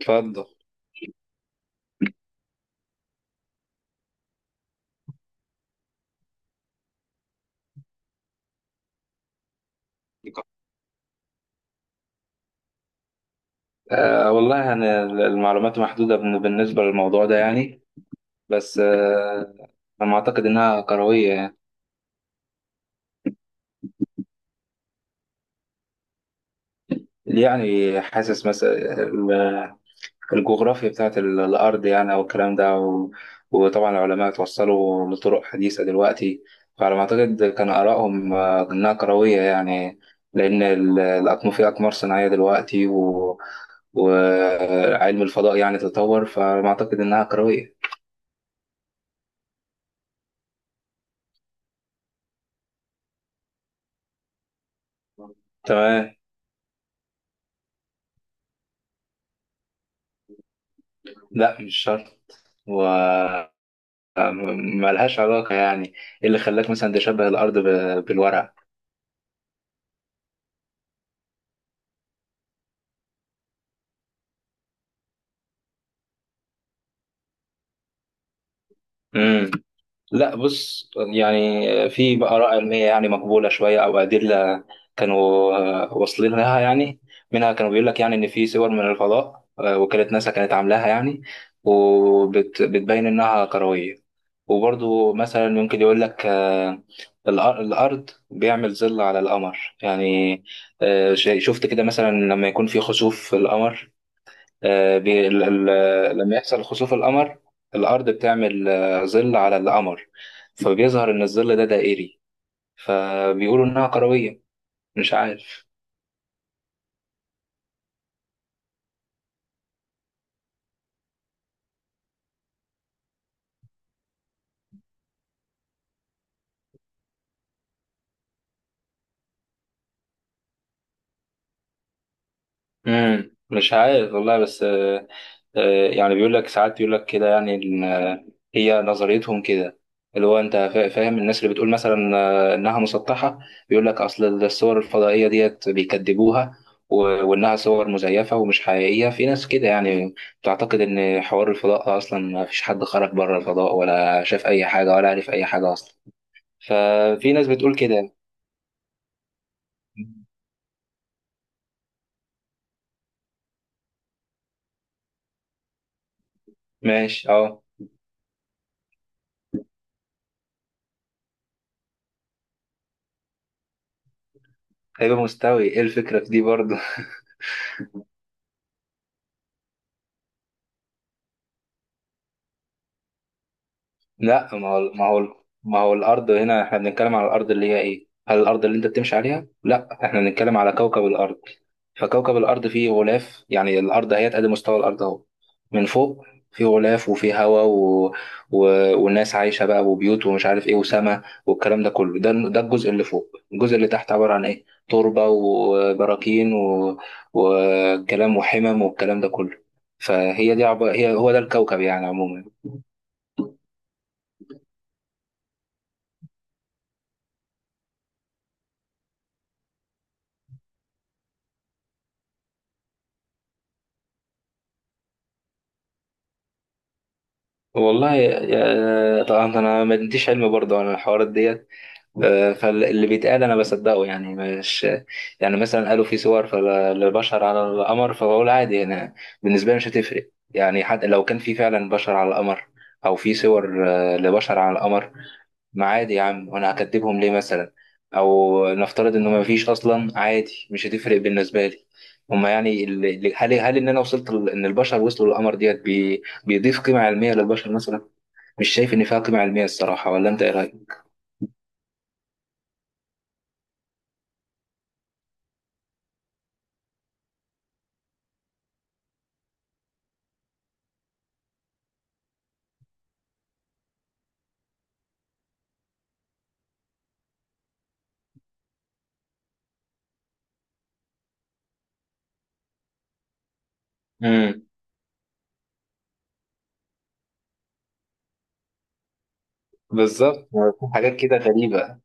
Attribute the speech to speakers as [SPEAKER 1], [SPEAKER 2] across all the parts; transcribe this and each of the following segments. [SPEAKER 1] اتفضل. والله، المعلومات محدودة بالنسبة للموضوع ده بس أنا أعتقد إنها كروية يعني حاسس مثلا ال- الجغرافيا بتاعت الأرض أو الكلام ده وطبعا العلماء توصلوا لطرق حديثة دلوقتي، فعلى ما أعتقد كان آرائهم، إنها كروية يعني. لأن في أقمار صناعية دلوقتي وعلم الفضاء يعني تطور، فعلى ما أعتقد إنها كروية. تمام. لا، مش شرط، وملهاش علاقة يعني. ايه اللي خلاك مثلا تشبه الأرض بالورقة؟ امم. لا بص، يعني في آراء علمية يعني مقبولة شوية أو أدلة كانوا، واصلين لها يعني. منها كانوا بيقول لك يعني إن في صور من الفضاء، وكالة ناسا كانت عاملاها يعني، وبتبين إنها كروية. وبرضو مثلا ممكن يقول لك، الأر- الأرض بيعمل ظل على القمر يعني. شفت كده مثلا لما يكون في خسوف في القمر. آه، بي- ال- لما يحصل خسوف القمر، الأرض بتعمل، ظل على القمر، فبيظهر إن الظل ده دائري، فبيقولوا إنها كروية. مش عارف. امم، مش عارف والله، بس يعني بيقول لك ساعات، بيقول لك كده يعني إن، هي نظريتهم كده، اللي هو انت فاهم، الناس اللي بتقول مثلا، انها مسطحه، بيقول لك اصل الصور الفضائيه ديت بيكذبوها، وانها صور مزيفه ومش حقيقيه. في ناس كده يعني بتعتقد ان حوار الفضاء اصلا ما فيش حد خرج بره الفضاء، ولا شاف اي حاجه، ولا عرف اي حاجه اصلا. ففي ناس بتقول كده. ماشي، اه. هيبقى مستوي. ايه الفكره في دي برضه؟ لا، ما هو ما هو، الارض هنا احنا بنتكلم على الارض اللي هي ايه، هل الارض اللي انت بتمشي عليها؟ لا، احنا بنتكلم على كوكب الارض. فكوكب الارض فيه غلاف يعني، الارض اهي، ادي مستوى الارض اهو، من فوق فيه غلاف، وفيه هواء و... والناس عايشه بقى، وبيوت، ومش عارف ايه، وسماء، والكلام ده كله، ده ده الجزء اللي فوق. الجزء اللي تحت عباره عن ايه، تربه، وبراكين، وكلام، وحمم، والكلام ده كله. فهي دي عب... هي هو ده الكوكب يعني عموما. والله طبعا انا ما عنديش علم برضه عن الحوارات ديت، فاللي بيتقال انا بصدقه يعني، مش يعني، مثلا قالوا في صور، فالبشر على القمر، فبقول عادي، انا بالنسبه لي مش هتفرق يعني. حتى لو كان في فعلا بشر على القمر، او في صور، لبشر على القمر، ما عادي يا عم، وانا هكدبهم ليه مثلا؟ او نفترض انه ما فيش اصلا، عادي، مش هتفرق بالنسبه لي. هما يعني هل هل انا وصلت ان البشر وصلوا للقمر ديت بيضيف قيمه علميه للبشر مثلا؟ مش شايف ان فيها قيمه علميه الصراحه، ولا انت ايه رايك؟ امم. بالظبط، في حاجات كده غريبه.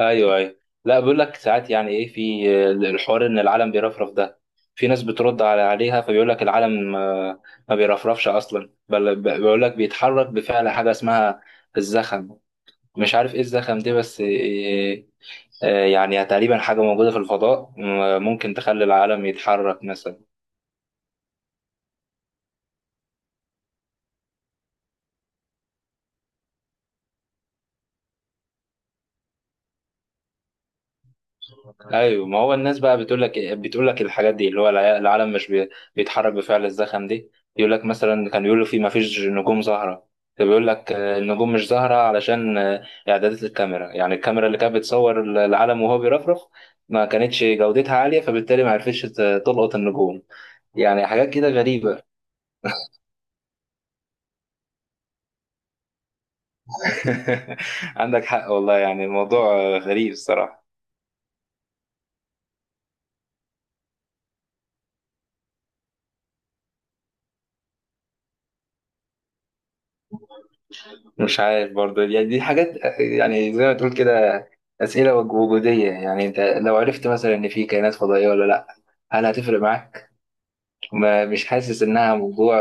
[SPEAKER 1] ايوه، ايوه. لا، بيقول لك ساعات يعني ايه، في الحوار ان العالم بيرفرف ده، في ناس بترد على عليها، فبيقول لك العالم، ما بيرفرفش اصلا، بل بيقول لك بيتحرك بفعل حاجه اسمها الزخم، مش عارف ايه الزخم دي، بس يعني تقريبا حاجه موجوده في الفضاء، ممكن تخلي العالم يتحرك مثلا. ايوه، ما هو الناس بقى بتقول لك إيه، بتقول لك الحاجات دي، اللي هو العالم مش بيتحرك بفعل الزخم دي. يقول لك مثلا كان بيقولوا في ما فيش نجوم زهره، بيقول لك، النجوم مش زهره علشان، اعدادات الكاميرا، يعني الكاميرا اللي كانت بتصور العالم وهو بيرفرف ما كانتش جودتها عاليه، فبالتالي ما عرفتش تلقط النجوم. يعني حاجات كده غريبه. عندك حق والله، يعني الموضوع، غريب الصراحه. مش عارف برضه، يعني دي حاجات يعني زي ما تقول كده أسئلة وجودية يعني. أنت لو عرفت مثلا إن في كائنات فضائية ولا لأ، هل هتفرق معاك؟ ما مش حاسس إنها موضوع.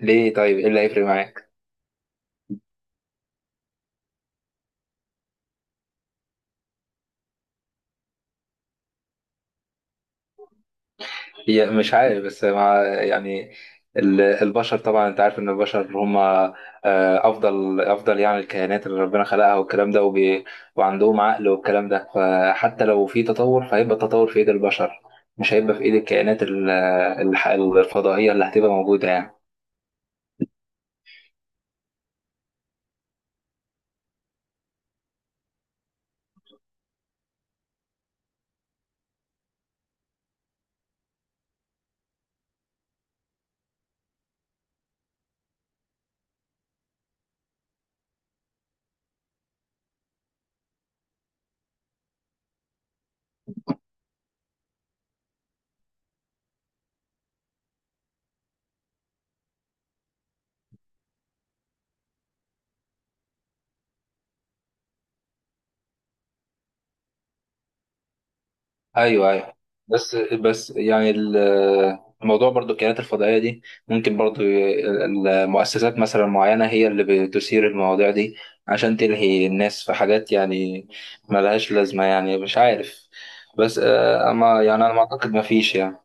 [SPEAKER 1] ليه طيب، إيه اللي هيفرق معاك؟ هي مش عارف، بس مع يعني، البشر طبعا، انت عارف ان البشر هم، افضل يعني الكائنات اللي ربنا خلقها والكلام ده، وبي، وعندهم عقل والكلام ده، فحتى لو في تطور فهيبقى التطور في ايد البشر، مش هيبقى في ايد الكائنات الفضائية اللي هتبقى موجودة يعني. ايوه، ايوه. بس يعني الموضوع برضو، الكائنات الفضائيه دي، ممكن برضو المؤسسات مثلا معينه هي اللي بتثير المواضيع دي، عشان تلهي الناس في حاجات يعني ملهاش لازمه، يعني مش عارف، بس اما يعني انا ما اعتقد ما فيش يعني.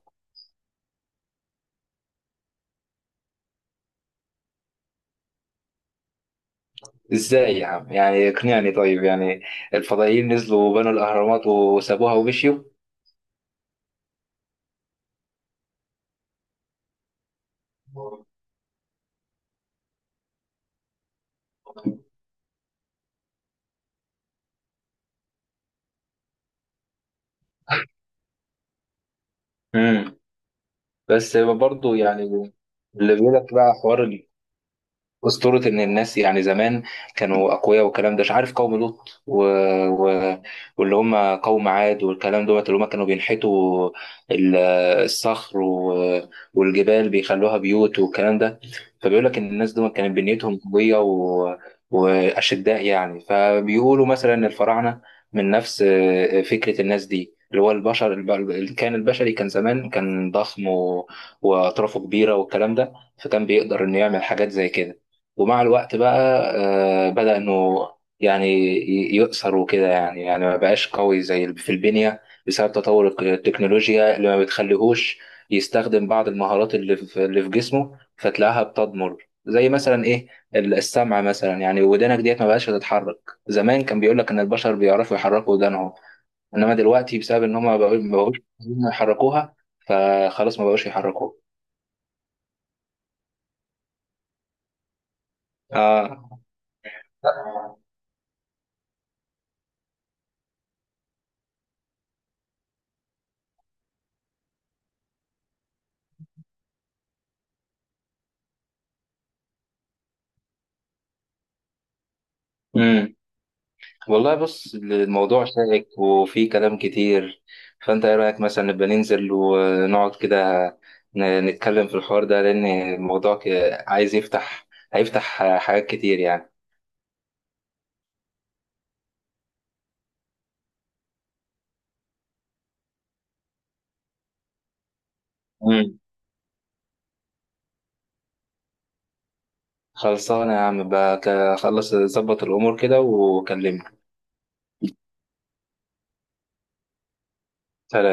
[SPEAKER 1] ازاي يا عم، يعني اقنعني طيب، يعني الفضائيين نزلوا وبنوا الاهرامات وسابوها ومشيوا؟ امم. بس برضو يعني اللي بيقول لك بقى، حوار أسطورة إن الناس يعني زمان كانوا أقوياء والكلام ده، مش عارف قوم لوط و... واللي هم قوم عاد والكلام دوت، اللي هم كانوا بينحتوا ال- الصخر والجبال بيخلوها بيوت والكلام ده، فبيقول لك إن الناس دول كانت بنيتهم قوية وأشداء يعني. فبيقولوا مثلا إن الفراعنة من نفس فكرة الناس دي، اللي هو البشر كان البشري كان زمان كان ضخم وأطرافه كبيرة والكلام ده، فكان بيقدر إنه يعمل حاجات زي كده. ومع الوقت بقى، بدأ إنه يعني يؤثر وكده، يعني يعني ما بقاش قوي زي في البنية، بسبب تطور التكنولوجيا اللي ما بتخليهوش يستخدم بعض المهارات اللي في اللي في جسمه، فتلاقيها بتضمر، زي مثلا إيه، السمع مثلا يعني، ودانك ديت ما بقاش تتحرك. زمان كان بيقول لك إن البشر بيعرفوا يحركوا ودانهم، إنما دلوقتي بسبب إن هم ما بقوش عايزين يحركوها، فخلاص ما بقوش يحركوها. آه. والله بص، الموضوع شائك وفيه كلام كتير، فانت ايه رأيك مثلا نبقى ننزل ونقعد كده، نتكلم في الحوار ده، لان الموضوع عايز يفتح، هيفتح حاجات كتير يعني. مم. خلصانة يا عم بقى، خلص ظبط الامور كده وكلمني. سلام.